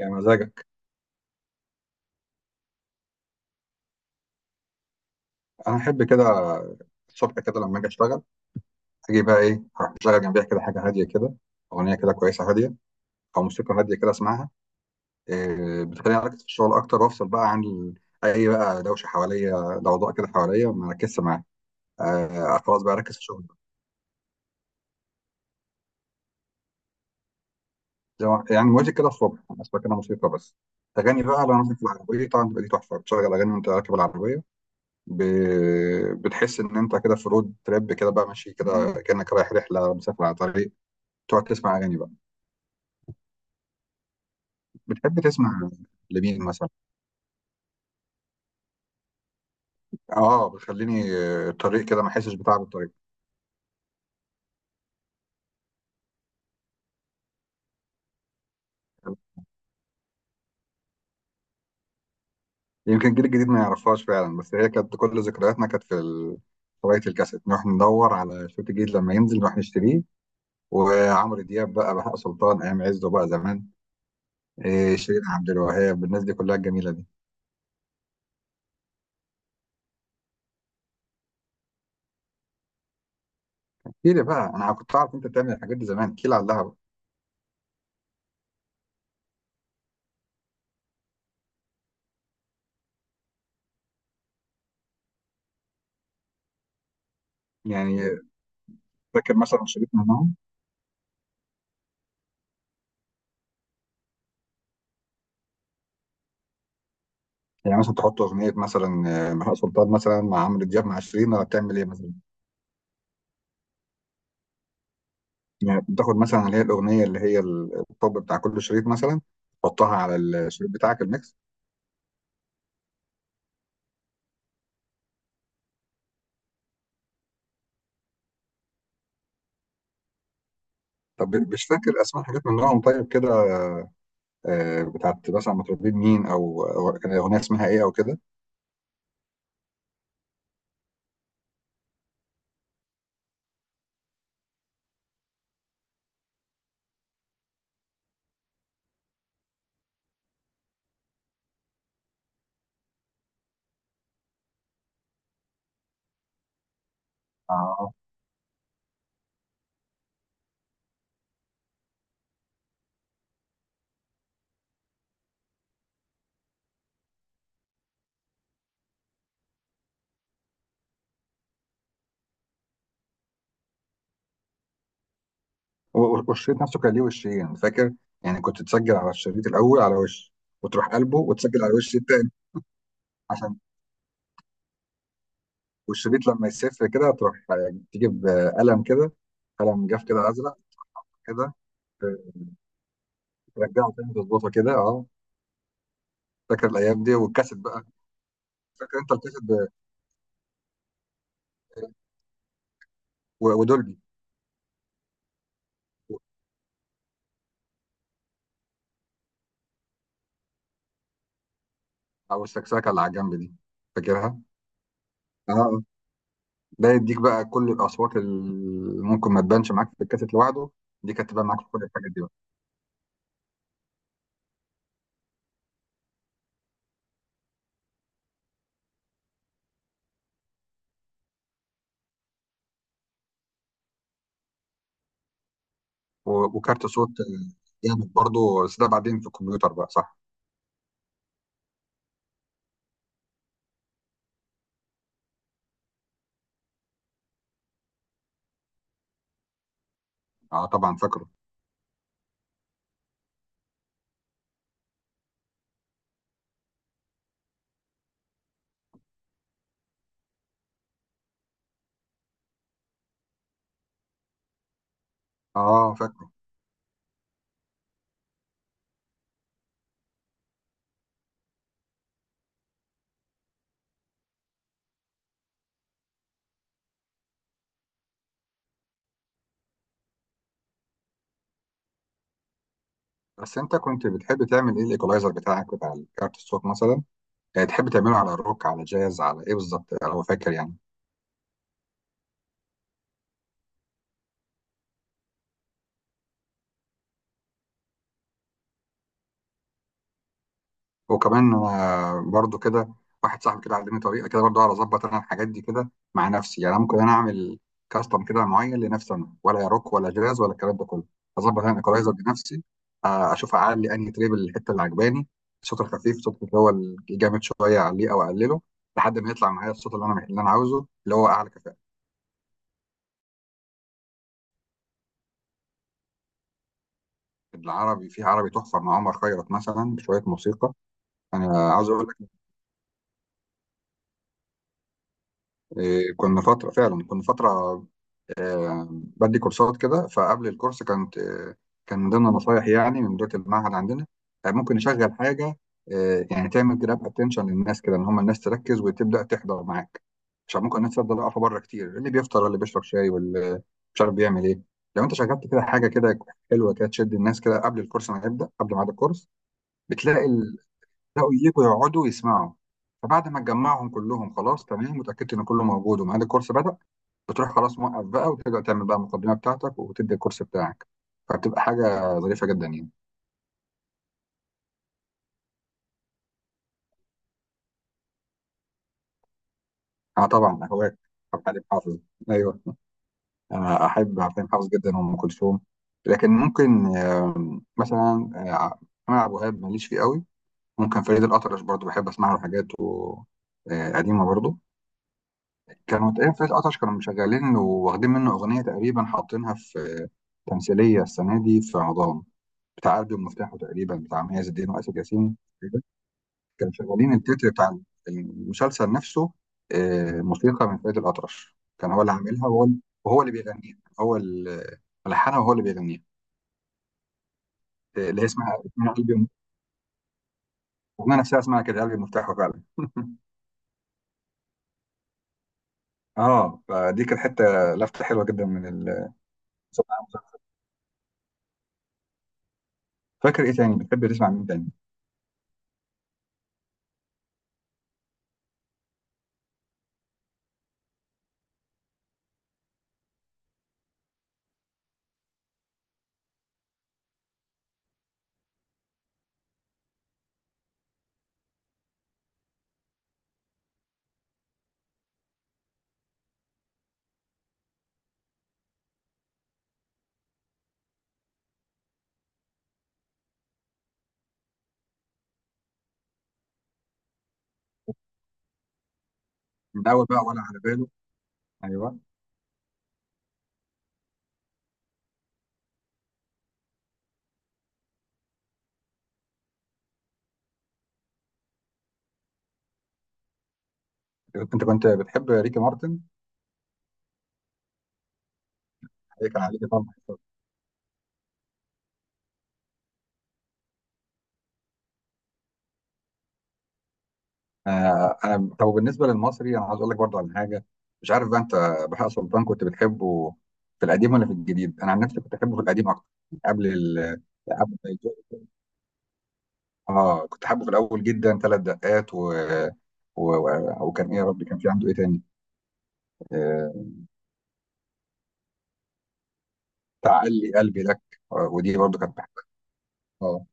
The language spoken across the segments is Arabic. يا مزاجك. انا احب كده. الصبح كده لما اجي اشتغل اجي بقى ايه اروح اشغل جنبيها كده حاجه هاديه كده، اغنيه كده كويسه هاديه، او موسيقى هاديه كده اسمعها. إيه، بتخليني اركز في الشغل اكتر وافصل بقى عن اي بقى دوشه حواليا، ضوضاء كده حواليا ما اركزش معاها. آه، خلاص بقى اركز في الشغل. زي ما- يعني مودي كده الصبح انا اسمع كده موسيقى بس. اغاني بقى لو انا مثلا في العربيه طبعا تبقى دي تحفه، بتشغل اغاني وانت راكب العربيه. ب... بتحس ان انت كده في رود تريب كده بقى ماشي كده، كانك رايح رحله مسافر على طريق، تقعد تسمع اغاني بقى. بتحب تسمع لمين مثلا؟ اه بتخليني الطريق كده ما احسش بتعب الطريق. يمكن الجيل الجديد ما يعرفهاش فعلا، بس هي كانت كل ذكرياتنا كانت في هوايه الكاسيت، نروح ندور على صوت جديد لما ينزل نروح نشتريه. وعمرو دياب بقى، بهاء سلطان ايام عزه بقى زمان. إيه، شيرين عبد الوهاب، الناس دي كلها الجميله دي. احكي لي بقى، انا كنت اعرف انت بتعمل الحاجات دي زمان. احكي لي عليها بقى. يعني فاكر مثلا شريط منهم؟ يعني مثلا تحط اغنيه مثلا، بهاء سلطان مثلا مع عمرو دياب مع شيرين، ولا بتعمل ايه مثلا؟ يعني بتاخد مثلا اللي هي الاغنيه اللي هي الطب بتاع كل شريط مثلا، تحطها على الشريط بتاعك الميكس. طب مش فاكر اسماء حاجات من نوعهم طيب كده؟ بتاعت مثلا مطربين مين، او كان الاغنيه اسمها ايه او كده. اه والشريط نفسه كان ليه وشين فاكر؟ يعني كنت تسجل على الشريط الاول على وش، وتروح قلبه وتسجل على الوش التاني. عشان والشريط لما يسف كده تروح تجيب قلم كده، قلم جاف كده ازرق كده. آه، ترجعه تاني تظبطه كده اه. فاكر الايام دي والكاسيت بقى؟ فاكر انت الكاسيت ودولبي، او السكسكه اللي على الجنب دي؟ فاكرها. اه آه. ده يديك بقى كل الاصوات اللي ممكن ما تبانش معاك في الكاسيت لوحده، دي كانت تبان معاك في كل الحاجات دي بقى. وكارت صوت جامد برضه، بس ده بعدين في الكمبيوتر بقى، صح؟ اه طبعا فاكره. اه فاكره. بس انت كنت بتحب تعمل ايه الايكولايزر بتاعك بتاع كارت الصوت مثلا؟ يعني تحب تعمله على روك، على جاز، على ايه بالظبط لو فاكر يعني؟ وكمان انا برضو كده، واحد صاحبي كده علمني طريقه كده برضو اعرف اظبط انا الحاجات دي كده مع نفسي. يعني أنا ممكن انا اعمل كاستم كده معين لنفسي انا، ولا روك ولا جاز ولا الكلام ده كله. اظبط انا الايكولايزر بنفسي، اشوف اعلي انهي تريب، الحته اللي عجباني، الصوت الخفيف، الصوت اللي هو الجامد شويه، اعليه او اقلله لحد ما يطلع معايا الصوت اللي انا عاوزه، اللي هو اعلى كفاءه. العربي، في عربي تحفه مع عمر خيرت مثلا بشويه موسيقى. انا عاوز اقول لك، إيه، كنا فتره فعلا كنا فتره بدي كورسات كده. فقبل الكورس كانت كان من ضمن نصايحي يعني من مديرة المعهد عندنا، ممكن نشغل حاجة، يعني تعمل جراب اتنشن للناس كده، ان هم الناس تركز وتبدأ تحضر معاك، عشان ممكن الناس تفضل واقفة بره كتير، اللي بيفطر، اللي بيشرب شاي، واللي مش عارف بيعمل ايه. لو انت شغلت كده حاجة كده حلوة كده تشد الناس كده قبل الكورس ما يبدأ، قبل ميعاد الكورس، بتلاقي تلاقوا يجوا يقعدوا يسمعوا. فبعد ما تجمعهم كلهم خلاص تمام، متأكدت ان كله موجود وميعاد الكورس بدأ، بتروح خلاص موقف بقى وترجع تعمل بقى المقدمه بتاعتك وتدي الكورس بتاعك. فبتبقى حاجه ظريفه جدا يعني. انا طبعا اهواك. حليم حافظ. ايوه، انا احب حليم حافظ جدا وام كلثوم. لكن ممكن مثلا محمد عبد الوهاب ماليش فيه قوي. ممكن فريد الأطرش برضو بحب اسمع له حاجات قديمه برضو. كانوا تقريبا فريد الأطرش كانوا مشغلين، واخدين منه اغنيه تقريبا حاطينها في تمثيليه السنه دي في رمضان بتاع قلبي ومفتاحه، تقريبا بتاع مياز الدين واسر ياسين. كانوا شغالين التتر بتاع المسلسل نفسه، موسيقى من فريد الأطرش، كان هو اللي عاملها وهو اللي بيغنيها، هو اللي ملحنها وهو اللي بيغنيها. اللي هي اسمها قلبي. الأغنية نفسها اسمها كده قلبي مفتاحه فعلا اه فدي كانت حتة، لفتة حلوة جدا من فاكر ايه تاني بتحب تسمع؟ مين تاني؟ من اول بقى ولا على باله؟ ايوه. انت كنت بتحب ريكي مارتن؟ هي كان عليك طبعا. آه، انا طب بالنسبه للمصري انا عاوز اقول لك برضو على حاجه، مش عارف بقى انت بهاء سلطان كنت بتحبه في القديم ولا في الجديد. انا عن نفسي كنت احبه في القديم اكتر، قبل ال، قبل ما يجي- اه كنت حابه في الاول جدا ثلاث دقات وكان ايه يا ربي كان في عنده ايه تاني؟ آه، تعلي قلبي لك. آه، ودي برضو كانت بحبها، اه.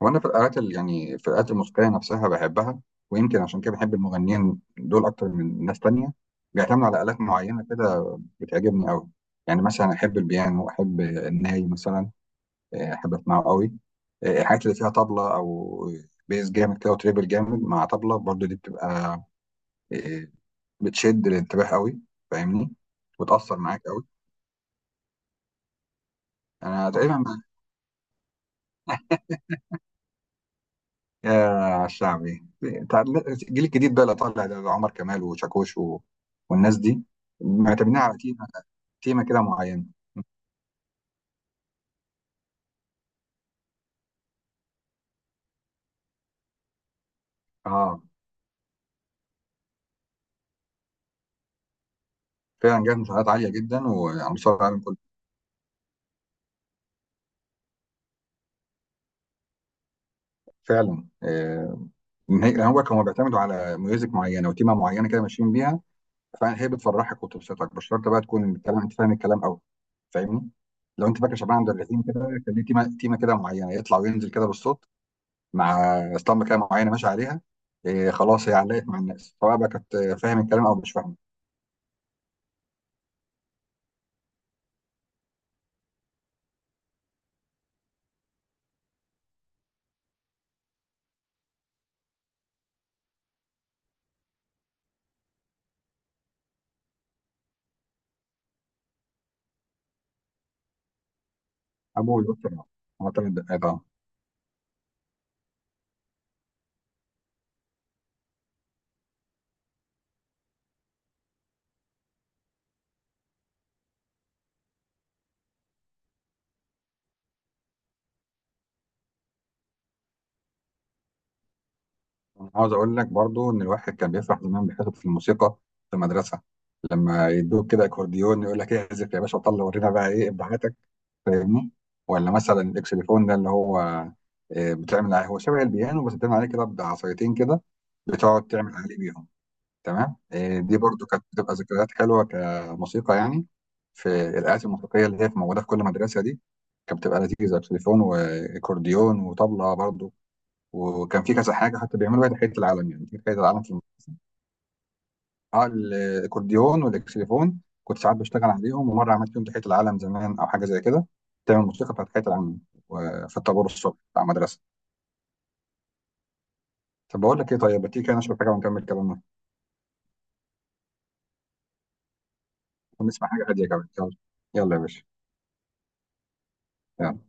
وانا في الآلات يعني في الآلات الموسيقيه نفسها بحبها. ويمكن عشان كده بحب المغنيين دول اكتر من ناس تانية، بيعتمدوا على آلات معينه كده، بتعجبني قوي. يعني مثلا احب البيانو، احب الناي مثلا، احب اسمعه قوي. الحاجات اللي فيها طبلة، او بيز جامد كده وتريبل جامد مع طبلة برضو، دي بتبقى آه، بتشد الانتباه قوي، فاهمني؟ وتأثر معاك قوي. انا تقريبا مع- يا شعبي. تع- الجيل الجديد بقى اللي طالع ده، عمر كمال وشاكوش والناس دي معتمدين على تيمة كده معينة. اه، فعلا جايب مشاهدات عالية جدا وعلى مستوى العالم كله. فعلا، هو كانوا بيعتمدوا على ميوزك معينه وتيمه معينه كده ماشيين بيها، فهي بتفرحك وتبسطك. مش شرط بقى تكون الكلام، انت فاهم الكلام قوي، فاهمني؟ لو انت فاكر شعبان عبد الرحيم كده، كان ليه تيمه كده معينه يطلع وينزل كده بالصوت، مع اسطمبه كده معينه ماشي عليها. إيه خلاص، هي علقت مع الناس سواء بقى كانت فاهم الكلام او مش فاهمه. ابو الوقت طبعا، هو 3 دقائق، اه. انا عاوز اقول لك برضو ان الواحد كان بيفرح زمان بيحتفظ في الموسيقى في المدرسه، لما يدوك كده اكورديون يقول لك إيه، اعزف يا باشا، وطلع ورينا بقى ايه ابداعاتك، فاهمني؟ ولا مثلا الاكسليفون ده اللي هو بتعمل عليه، هو شبه البيانو بس بتعمل عليه كده بعصايتين كده، بتقعد تعمل عليه بيهم. تمام، دي برضو كانت بتبقى ذكريات حلوه كموسيقى يعني. في الآلات الموسيقية اللي هي موجودة في كل مدرسة دي، كانت بتبقى لذيذة، تليفون وأكورديون وطبلة برضو. وكان في كذا حاجة حتى بيعملوا بيها تحية العالم، يعني تحية العالم في. اه، الاكورديون والاكسليفون كنت ساعات بشتغل عليهم، ومره عملت يوم تحيه العالم زمان او حاجه زي كده، تعمل موسيقى بتاعت تحيه العالم في الطابور الصبح بتاع المدرسه. طب بقول لك ايه، طيب ما تيجي كده نشرب حاجه ونكمل كلامنا ونسمع حاجه هاديه كمان. يلا. يلا يا باشا. يلا.